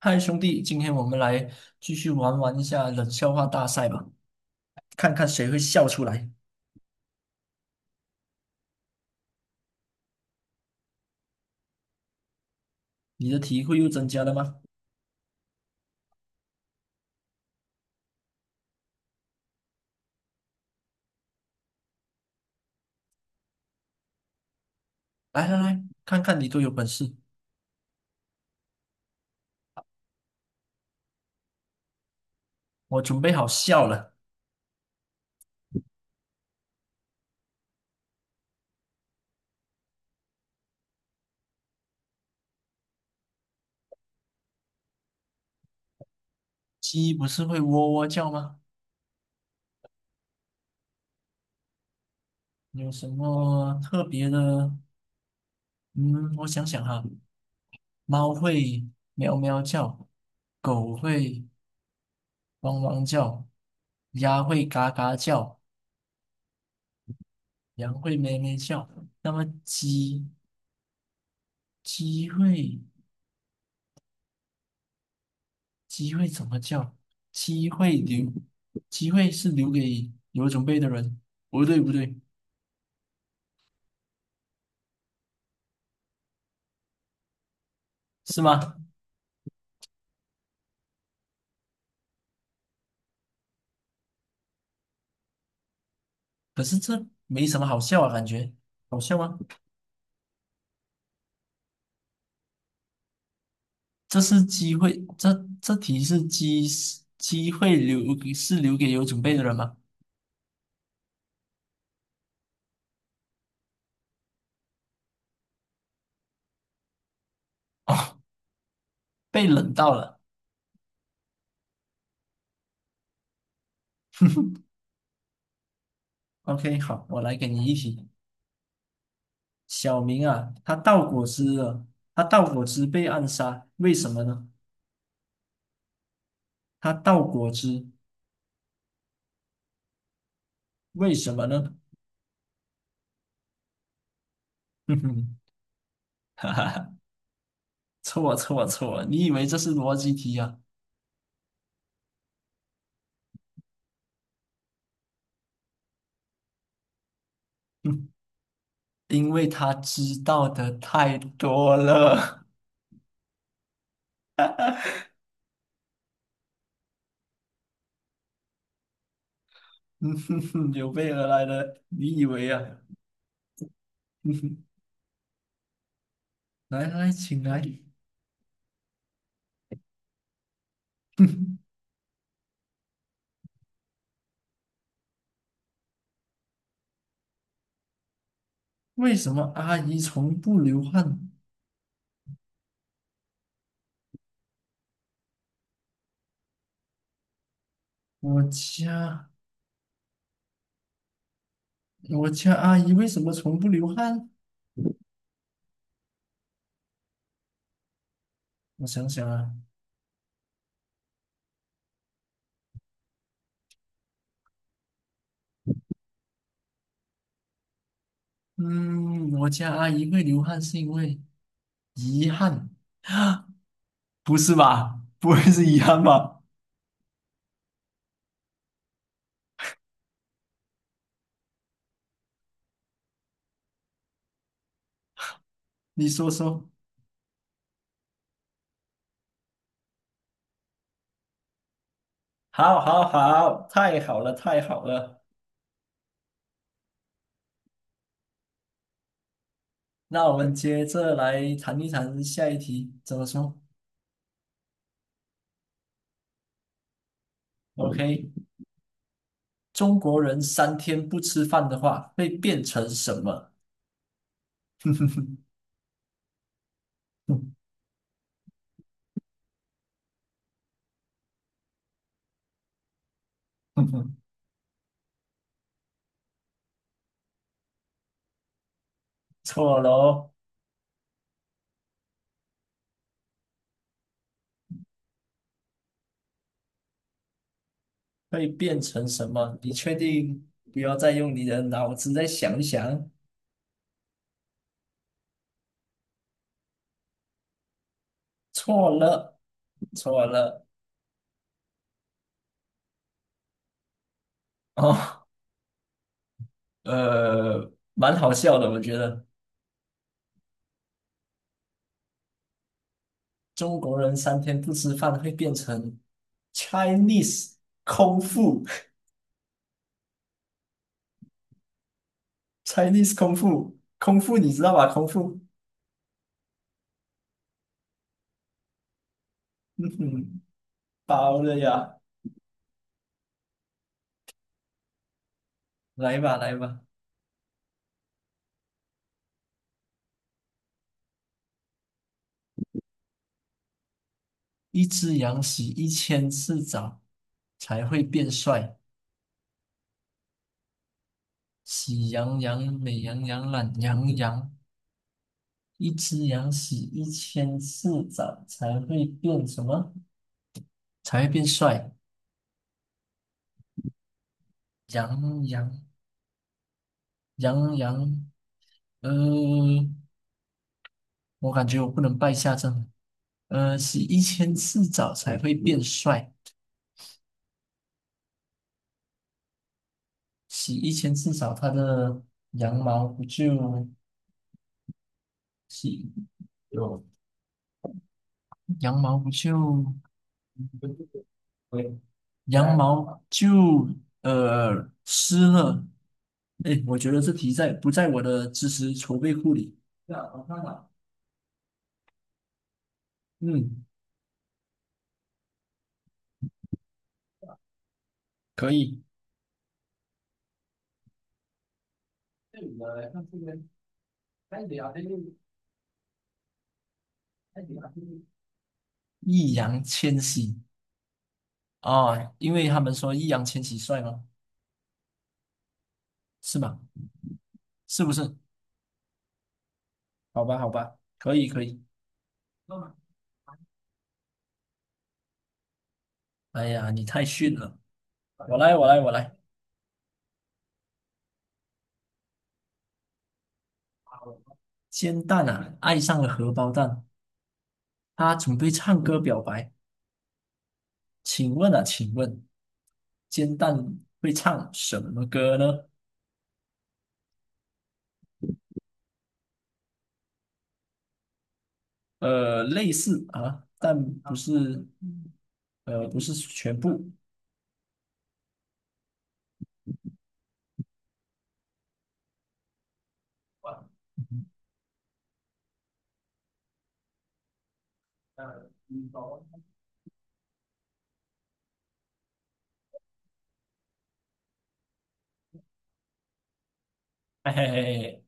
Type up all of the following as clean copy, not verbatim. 嗨，兄弟，今天我们来继续玩玩一下冷笑话大赛吧，看看谁会笑出来。你的体会又增加了吗？来来来，看看你多有本事！我准备好笑了。鸡不是会喔喔叫吗？有什么特别的？嗯，我想想哈，猫会喵喵叫，狗会汪汪叫，鸭会嘎嘎叫，羊会咩咩叫。那么鸡会？机会怎么叫？机会留，机会是留给有准备的人。不对，不对，是吗？可是这没什么好笑啊，感觉好笑吗？这是机会，这这题是机会是留给有准备的人吗？被冷到了。OK，好，我来给你一题。小明啊，他倒果汁了，他倒果汁被暗杀，为什么呢？他倒果汁，为什么呢？哼哼，哈哈哈。错错错！你以为这是逻辑题啊？嗯，因为他知道的太多了。嗯哼哼，有备而来的，你以为啊？嗯哼，来来，请来。哼哼，为什么阿姨从不流汗？我家我家阿姨为什么从不流汗？我想想啊，嗯，我家阿姨会流汗是因为遗憾，不是吧？不会是遗憾吧？你说说。好，好，好，太好了，太好了。那我们接着来谈一谈下一题，怎么说？OK，中国人三天不吃饭的话，会变成什么？错了哦，会变成什么？你确定不要再用你的脑子再想一想？错了，错了。哦，蛮好笑的，我觉得。中国人三天不吃饭会变成 Chinese 空腹 ，Chinese 空腹，空腹你知道吧？空腹，嗯哼，包了呀，来吧来吧，一只羊洗一千次澡才会变帅，喜羊羊、美羊羊、懒羊羊，一只羊洗一千次澡才会变什么？才会变帅，羊羊羊羊，呃。我感觉我不能败下阵。洗一千次澡才会变帅，洗一千次澡，它的羊毛不就洗有羊毛不就 羊毛就湿了。哎，我觉得这题在不在我的知识储备库里？嗯，可以。易烊千玺，哦，因为他们说易烊千玺帅吗？是吗？是不是？好吧，好吧，可以，可以。哎呀，你太逊了！我来，我来，我来。煎蛋啊，爱上了荷包蛋，他准备唱歌表白。请问啊，请问，煎蛋会唱什么歌呢？类似啊，但不是，不是全部。嘿嘿嘿，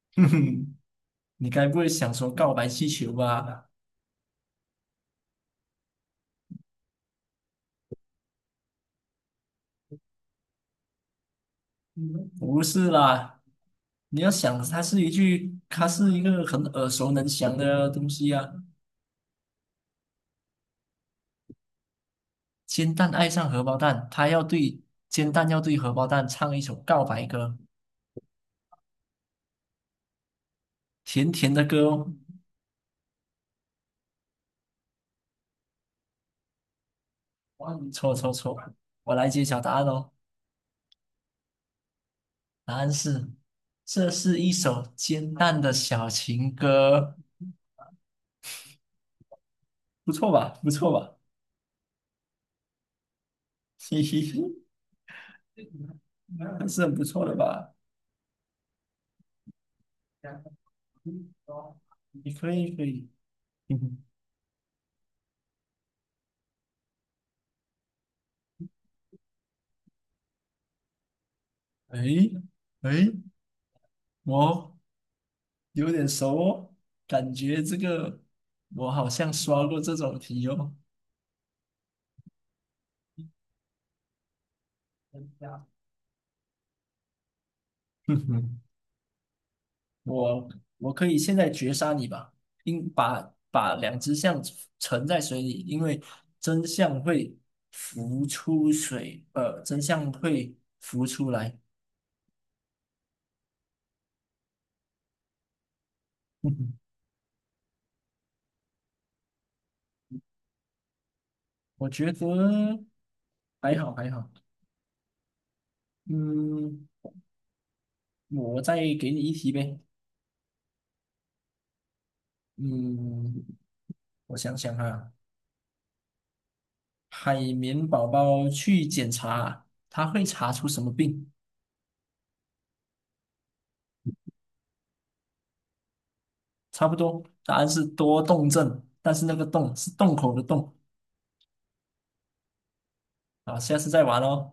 哼哼，你该不会想说告白气球吧？不是啦，你要想，它是一句，它是一个很耳熟能详的东西啊。煎蛋爱上荷包蛋，他要对煎蛋要对荷包蛋唱一首告白歌，甜甜的歌哦。哇错错错，我来揭晓答案哦。答案是，这是一首煎蛋的小情歌，不错吧？不错吧？嘿嘿嘿，还是很不错的吧？你可以可以，哎哎，我有点熟哦，感觉这个我好像刷过这种题哦。哼哼，我我可以现在绝杀你吧，应把两只象沉在水里，因为真相会真相会浮出来。哼哼，我觉得还好还好，嗯，我再给你一题呗。嗯，我想想啊，海绵宝宝去检查，他会查出什么病？差不多，答案是多动症，但是那个动是洞口的洞。好，下次再玩哦。